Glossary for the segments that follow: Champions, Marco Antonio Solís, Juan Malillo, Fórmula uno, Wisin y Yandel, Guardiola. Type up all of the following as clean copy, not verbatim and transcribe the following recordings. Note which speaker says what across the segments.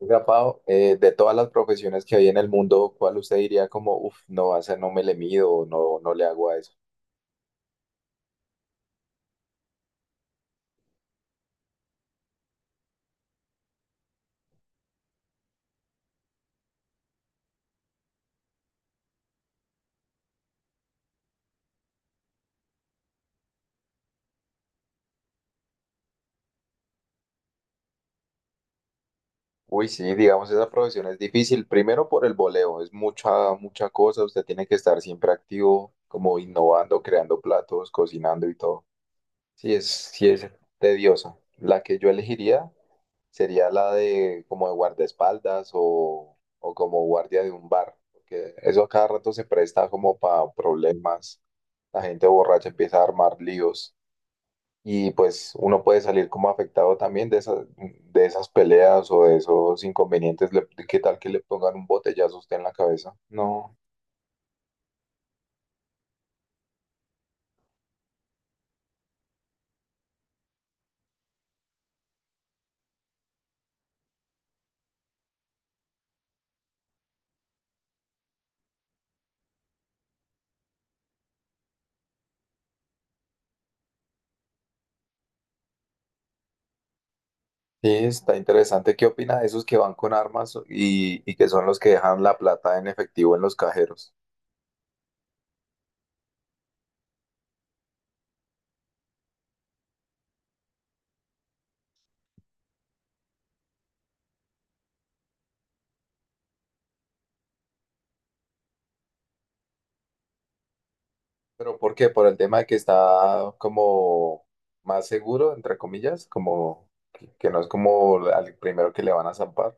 Speaker 1: Oiga, Pau, de todas las profesiones que hay en el mundo, ¿cuál usted diría como, uff, no, a esa no me le mido, o no, no le hago a eso? Uy, sí, digamos, esa profesión es difícil, primero por el voleo, es mucha, mucha cosa, usted tiene que estar siempre activo, como innovando, creando platos, cocinando y todo. Sí es tediosa. La que yo elegiría sería la de como de guardaespaldas o como guardia de un bar, porque eso a cada rato se presta como para problemas. La gente borracha empieza a armar líos y pues uno puede salir como afectado también de esas peleas o de esos inconvenientes. ¿Qué tal que le pongan un botellazo a usted en la cabeza? No. Sí, está interesante. ¿Qué opina de esos que van con armas y que son los que dejan la plata en efectivo en los cajeros? ¿Pero por qué? Por el tema de que está como más seguro, entre comillas, como que no es como al primero que le van a zampar.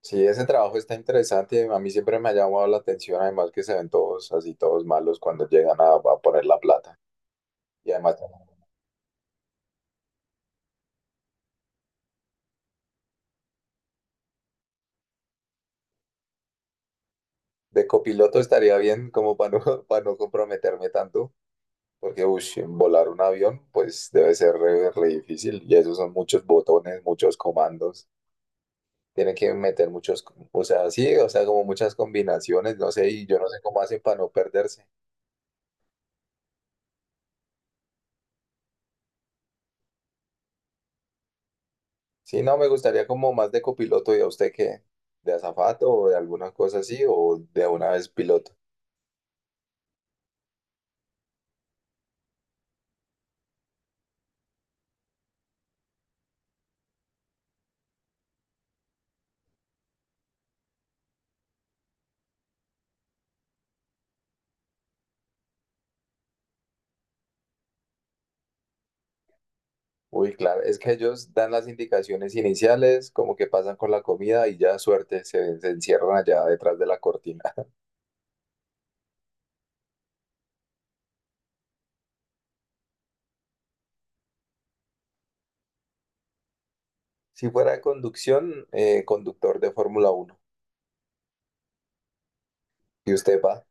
Speaker 1: Sí, ese trabajo está interesante. A mí siempre me ha llamado la atención, además que se ven todos así, todos malos cuando llegan a poner la plata. Y además de copiloto estaría bien como para no, para no comprometerme tanto, porque ush, volar un avión pues debe ser re, re difícil y esos son muchos botones, muchos comandos. Tienen que meter muchos, o sea, sí, o sea, como muchas combinaciones, no sé, y yo no sé cómo hacen para no perderse. Sí, no, me gustaría como más de copiloto y a usted que de azafato o de alguna cosa así, o de una vez piloto. Uy, claro, es que ellos dan las indicaciones iniciales, como que pasan con la comida y ya suerte, se encierran allá detrás de la cortina. Si fuera de conducción, conductor de Fórmula uno. ¿Y usted va?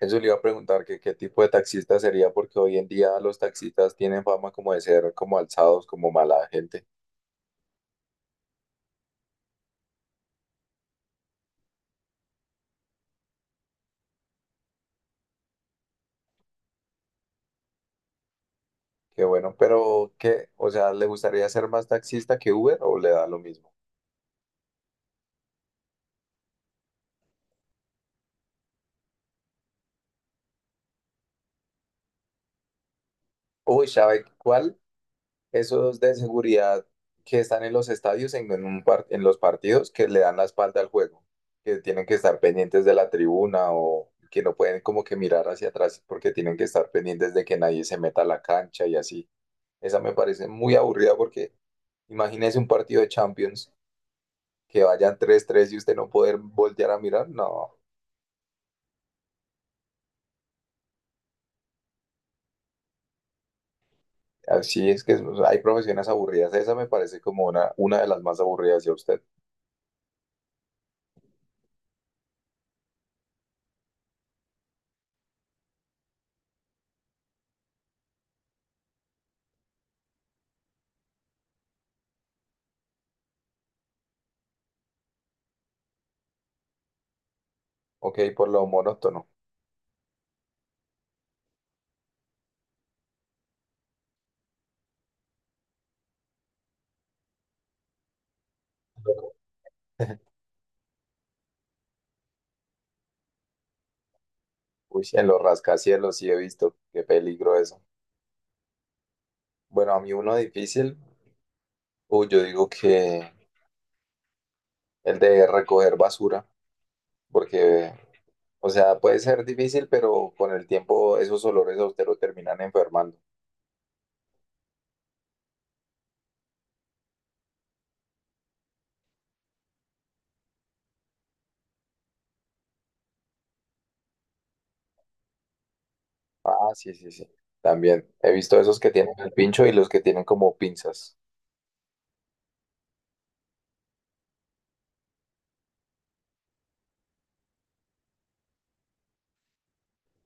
Speaker 1: Eso le iba a preguntar, que qué tipo de taxista sería, porque hoy en día los taxistas tienen fama como de ser como alzados, como mala gente. Qué bueno, pero ¿qué? O sea, ¿le gustaría ser más taxista que Uber o le da lo mismo? Uy, ¿sabe cuál? Esos de seguridad que están en los estadios, en en los partidos, que le dan la espalda al juego, que tienen que estar pendientes de la tribuna o que no pueden como que mirar hacia atrás porque tienen que estar pendientes de que nadie se meta a la cancha y así. Esa me parece muy aburrida porque imagínese un partido de Champions que vayan tres tres y usted no poder voltear a mirar. No, así es que hay profesiones aburridas. Esa me parece como una de las más aburridas, ya usted? Ok, por lo monótono. Uy, en los rascacielos sí he visto. Qué peligro eso. Bueno, a mí uno difícil, uy, yo digo que el de recoger basura, porque, o sea, puede ser difícil, pero con el tiempo esos olores a usted lo terminan enfermando. Ah, sí, sí, sí. También he visto esos que tienen el pincho y los que tienen como pinzas.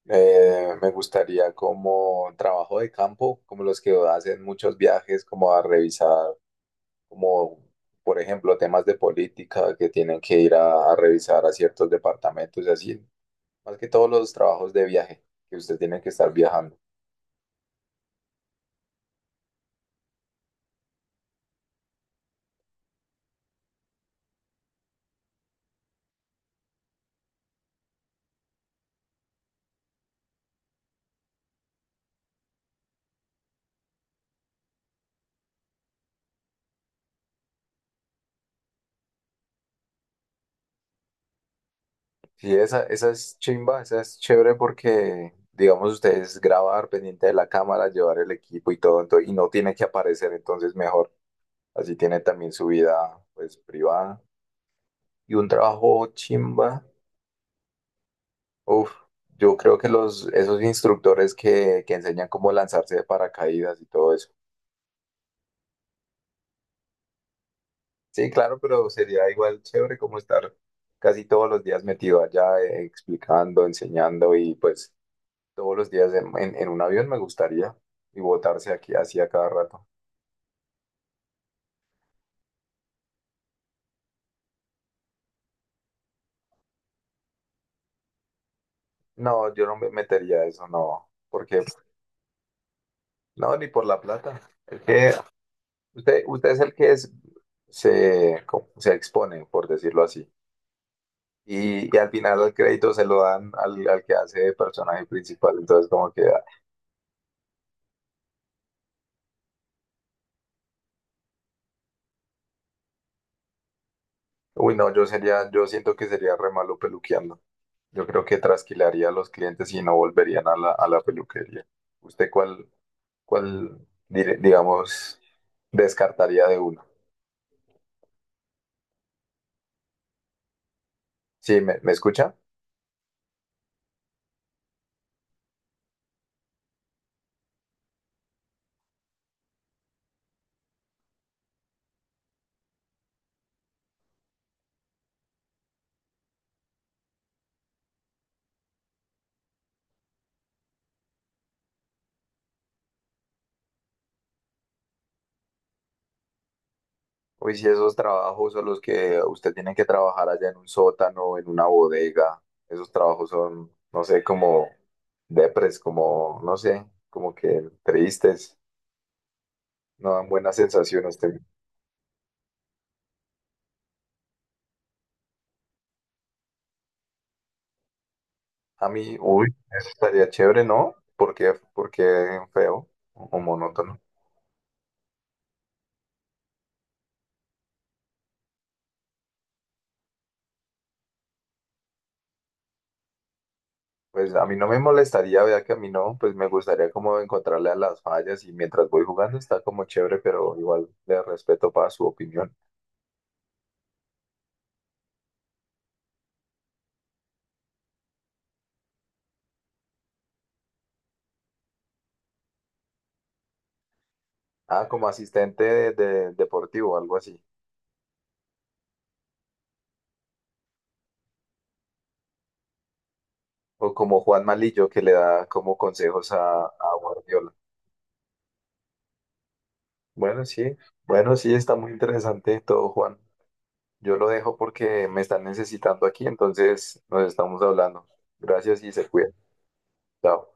Speaker 1: Me gustaría como trabajo de campo, como los que hacen muchos viajes, como a revisar, como por ejemplo temas de política que tienen que ir a revisar a ciertos departamentos y así. Más que todos los trabajos de viaje que usted tiene que estar viajando. Sí, esa es chimba, esa es chévere porque, digamos, ustedes grabar pendiente de la cámara, llevar el equipo y todo, entonces, y no tiene que aparecer, entonces mejor. Así tiene también su vida, pues, privada y un trabajo chimba. Uf, yo creo que los, esos instructores que enseñan cómo lanzarse de paracaídas y todo eso. Sí, claro, pero sería igual chévere como estar casi todos los días metido allá, explicando, enseñando y pues todos los días en, en un avión me gustaría y botarse aquí así a cada rato. No, yo no me metería a eso, no, porque no, ni por la plata. Es que usted, usted es el que es, se, se expone, por decirlo así. Y al final el crédito se lo dan al, al que hace de personaje principal. Entonces, como que, ah, uy, no, yo sería, yo siento que sería re malo peluqueando. Yo creo que trasquilaría a los clientes y no volverían a la peluquería. ¿Usted cuál, cuál, digamos, descartaría de uno? Sí, ¿me, me escucha? Uy, sí, esos trabajos son los que usted tiene que trabajar allá en un sótano, en una bodega. Esos trabajos son, no sé, como depres, como, no sé, como que tristes, no dan buenas sensaciones. Te- A mí, uy, eso estaría chévere, ¿no? Porque, porque feo o monótono. Pues a mí no me molestaría, vea que a mí no, pues me gustaría como encontrarle a las fallas y mientras voy jugando está como chévere, pero igual le respeto para su opinión. Ah, como asistente de, deportivo, algo así. O como Juan Malillo, que le da como consejos a Guardiola. Bueno, sí, bueno, sí, está muy interesante todo, Juan. Yo lo dejo porque me están necesitando aquí, entonces nos estamos hablando. Gracias y se cuida. Chao.